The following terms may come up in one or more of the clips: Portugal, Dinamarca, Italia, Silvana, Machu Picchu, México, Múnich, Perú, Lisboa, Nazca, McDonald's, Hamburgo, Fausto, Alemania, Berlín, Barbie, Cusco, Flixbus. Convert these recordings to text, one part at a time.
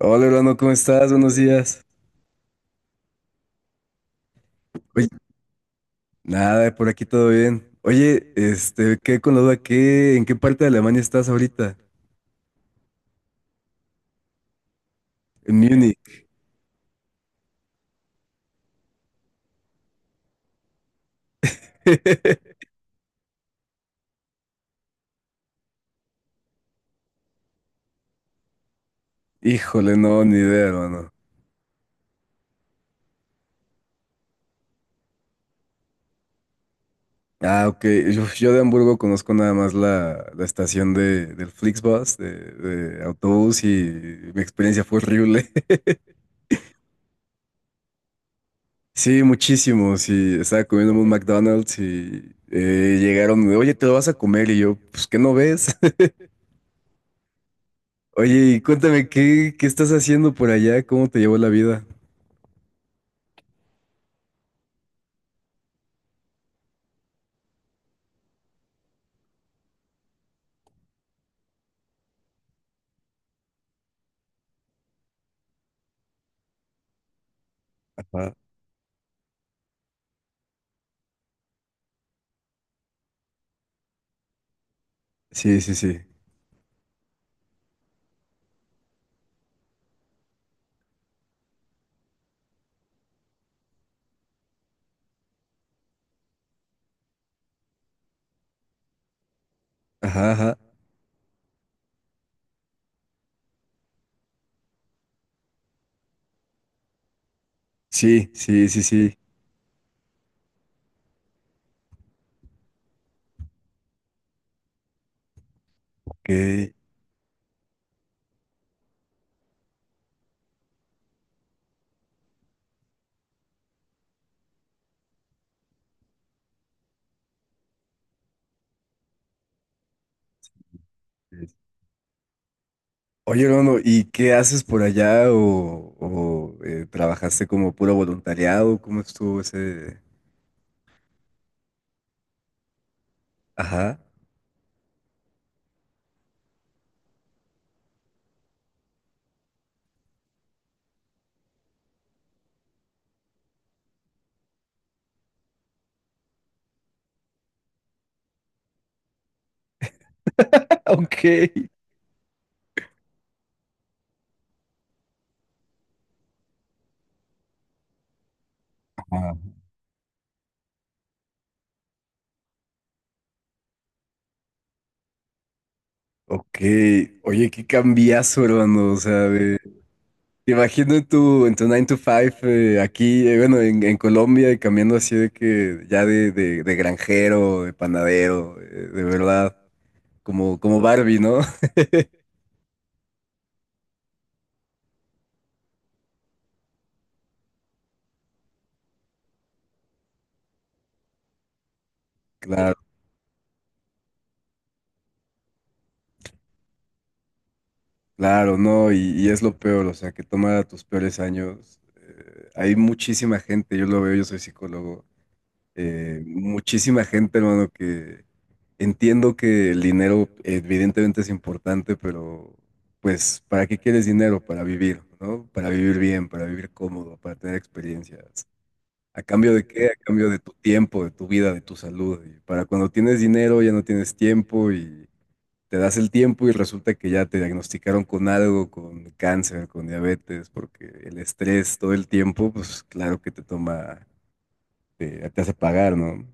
Hola, hermano, ¿cómo estás? Buenos días. Oye, nada, por aquí todo bien. Oye, este, quedé con la duda, ¿qué, en qué parte de Alemania estás ahorita? En Múnich. Híjole, no, ni idea, hermano. Ah, ok. Yo de Hamburgo conozco nada más la estación del Flixbus, de autobús, y mi experiencia fue horrible. Sí, muchísimo. Sí, estaba comiendo en un McDonald's y llegaron, oye, te lo vas a comer. Y yo, pues, ¿qué no ves? Oye, y cuéntame, ¿qué, qué estás haciendo por allá? ¿Cómo te llevó la vida? Ajá. Sí, sí, sí. Ajá, ajá. Sí, sí, sí, sí. Ok. Oye, hermano, ¿y qué haces por allá? O, trabajaste como puro voluntariado? ¿Cómo estuvo ese...? Ajá. Ok. Ajá. Ok. Oye, qué cambiazo, hermano. O sea, te imagino en tu nine to five aquí, bueno, en Colombia y cambiando así de que ya de granjero, de panadero, de verdad, como, como Barbie, ¿no? Claro, claro, no, y es lo peor, o sea, que toma tus peores años. Hay muchísima gente, yo lo veo, yo soy psicólogo, muchísima gente, hermano, que entiendo que el dinero evidentemente es importante, pero pues, ¿para qué quieres dinero? Para vivir, ¿no? Para vivir bien, para vivir cómodo, para tener experiencias. ¿A cambio de qué? A cambio de tu tiempo, de tu vida, de tu salud. Y para cuando tienes dinero ya no tienes tiempo y te das el tiempo y resulta que ya te diagnosticaron con algo, con cáncer, con diabetes, porque el estrés todo el tiempo, pues claro que te toma, te hace pagar, ¿no?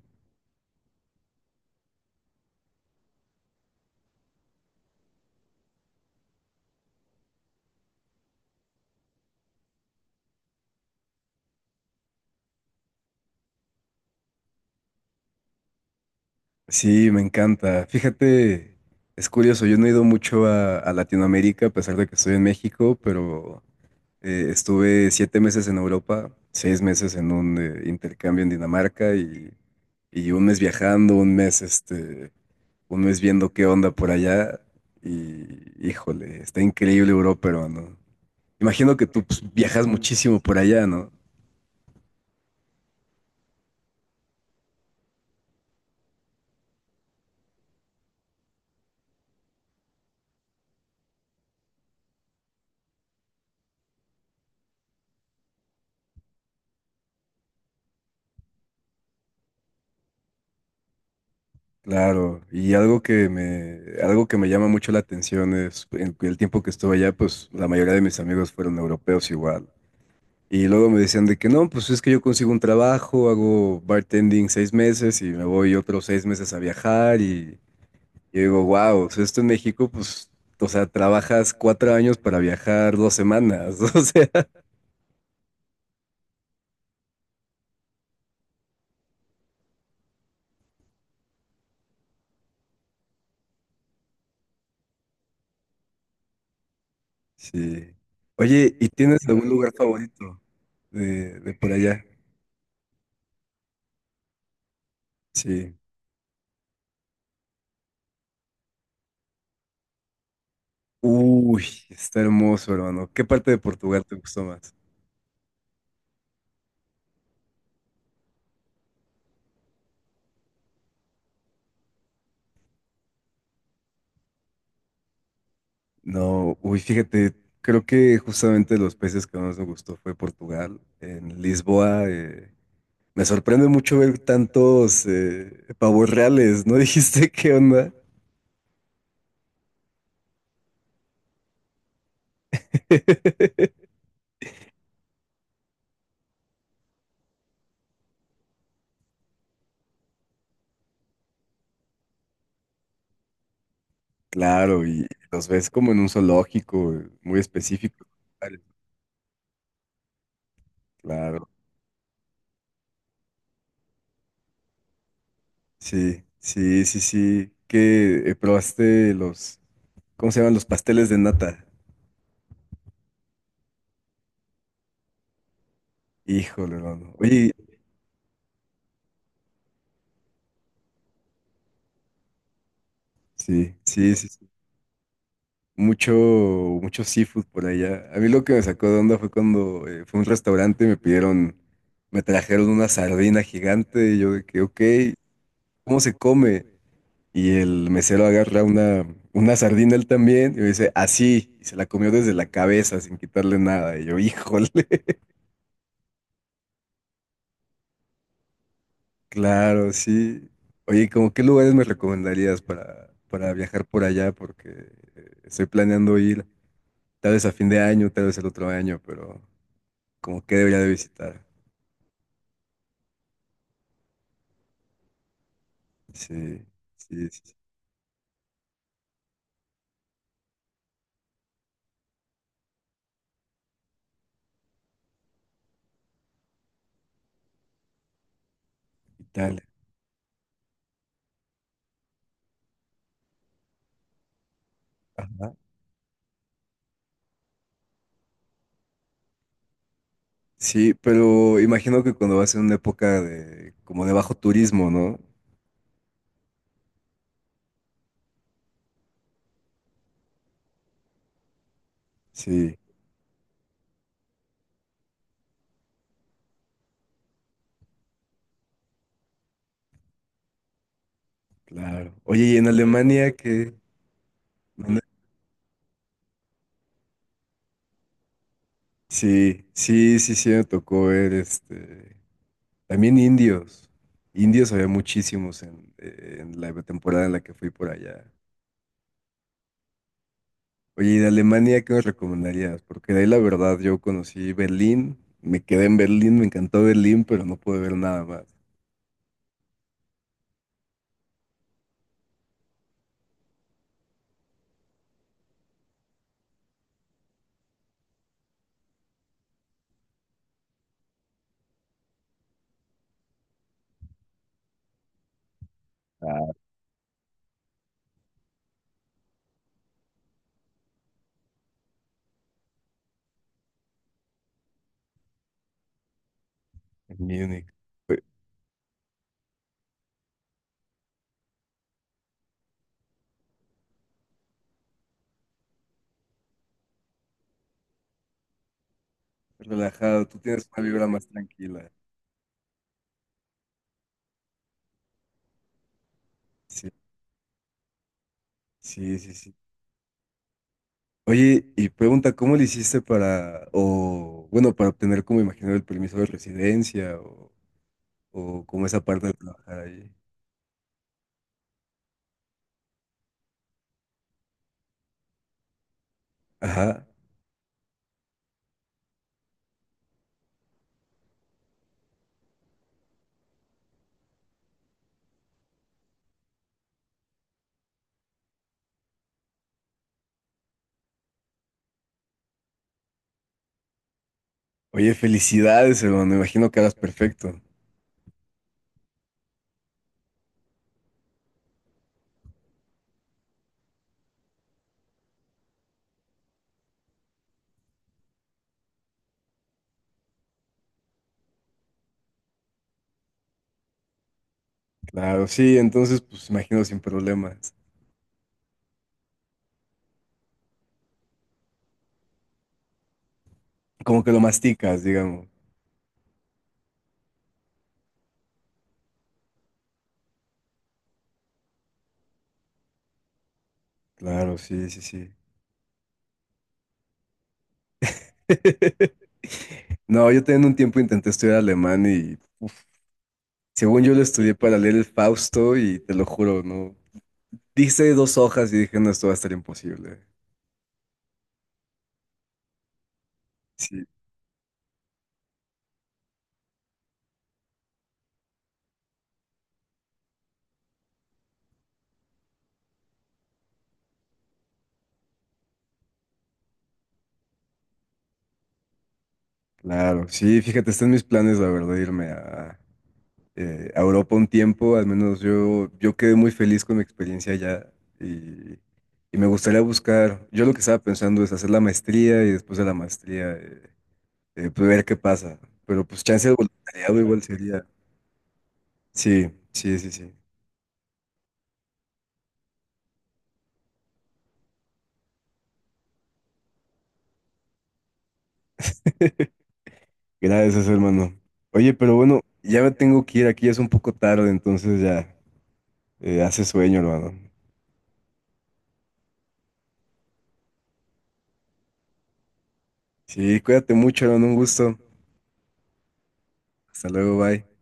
Sí, me encanta. Fíjate, es curioso, yo no he ido mucho a Latinoamérica, a pesar de que estoy en México, pero estuve 7 meses en Europa, 6 meses en un intercambio en Dinamarca y un mes viajando, un mes, este, un mes viendo qué onda por allá. Y híjole, está increíble Europa, pero no. Imagino que tú pues, viajas muchísimo por allá, ¿no? Claro, y algo que me llama mucho la atención es, en el tiempo que estuve allá, pues la mayoría de mis amigos fueron europeos igual. Y luego me decían de que no, pues es que yo consigo un trabajo, hago bartending 6 meses y me voy otros 6 meses a viajar y digo, wow, o sea, esto en México, pues, o sea, trabajas 4 años para viajar 2 semanas, o sea, sí. Oye, ¿y tienes algún lugar favorito de por allá? Sí. Uy, está hermoso, hermano. ¿Qué parte de Portugal te gustó más? No, uy, fíjate, creo que justamente los países que más me gustó fue Portugal. En Lisboa, me sorprende mucho ver tantos pavos reales, ¿no dijiste qué onda? Claro, y los ves como en un zoológico muy específico. Claro, sí, sí, sí, sí. ¿Qué probaste los, ¿cómo se llaman? Los pasteles de nata. Híjole, hermano. Oye, sí, sí, sí, sí. Mucho, mucho seafood por allá. A mí lo que me sacó de onda fue cuando fue a un restaurante y me pidieron, me trajeron una sardina gigante y yo de que, ok, ¿cómo se come? Y el mesero agarra una sardina él también y me dice, así, y se la comió desde la cabeza sin quitarle nada. Y yo, híjole, claro, sí. Oye, ¿cómo qué lugares me recomendarías para viajar por allá? Porque estoy planeando ir tal vez a fin de año, tal vez el otro año, pero... Como que debería de visitar. Sí, sí, sí. Sí. Italia. Ajá. Sí, pero imagino que cuando vas en una época de como de bajo turismo, ¿no? Sí, claro. Oye, ¿y en Alemania qué? ¿Mande? Sí, sí, sí, sí, me tocó ver este. También indios. Indios había muchísimos en la temporada en la que fui por allá. Oye, ¿y de Alemania qué nos recomendarías? Porque de ahí la verdad yo conocí Berlín, me quedé en Berlín, me encantó Berlín, pero no pude ver nada más. En Múnich. Re- relajado, tú tienes una vibra más tranquila. Sí, sí, sí, sí. Oye, y pregunta, ¿cómo le hiciste para, o bueno, para obtener como imagino el permiso de residencia o como esa parte de trabajar ahí? Ajá. Oye, felicidades, hermano. Imagino que harás perfecto. Claro, sí, entonces, pues imagino sin problemas. Como que lo masticas, digamos. Claro, sí, sí, sí. No, yo también un tiempo intenté estudiar alemán y uf, según yo lo estudié para leer el Fausto y te lo juro, no. Dice 2 hojas y dije, no, esto va a estar imposible. Sí, claro, sí, fíjate, están mis planes, la verdad, irme a Europa un tiempo, al menos yo, yo quedé muy feliz con mi experiencia allá y, y me gustaría buscar, yo lo que estaba pensando es hacer la maestría y después de la maestría pues ver qué pasa, pero pues chance de voluntariado igual sería, sí, sí, sí, sí. Gracias, hermano. Oye, pero bueno, ya me tengo que ir, aquí ya es un poco tarde, entonces ya hace sueño, hermano. Sí, cuídate mucho, hermano, un gusto. Hasta luego, bye.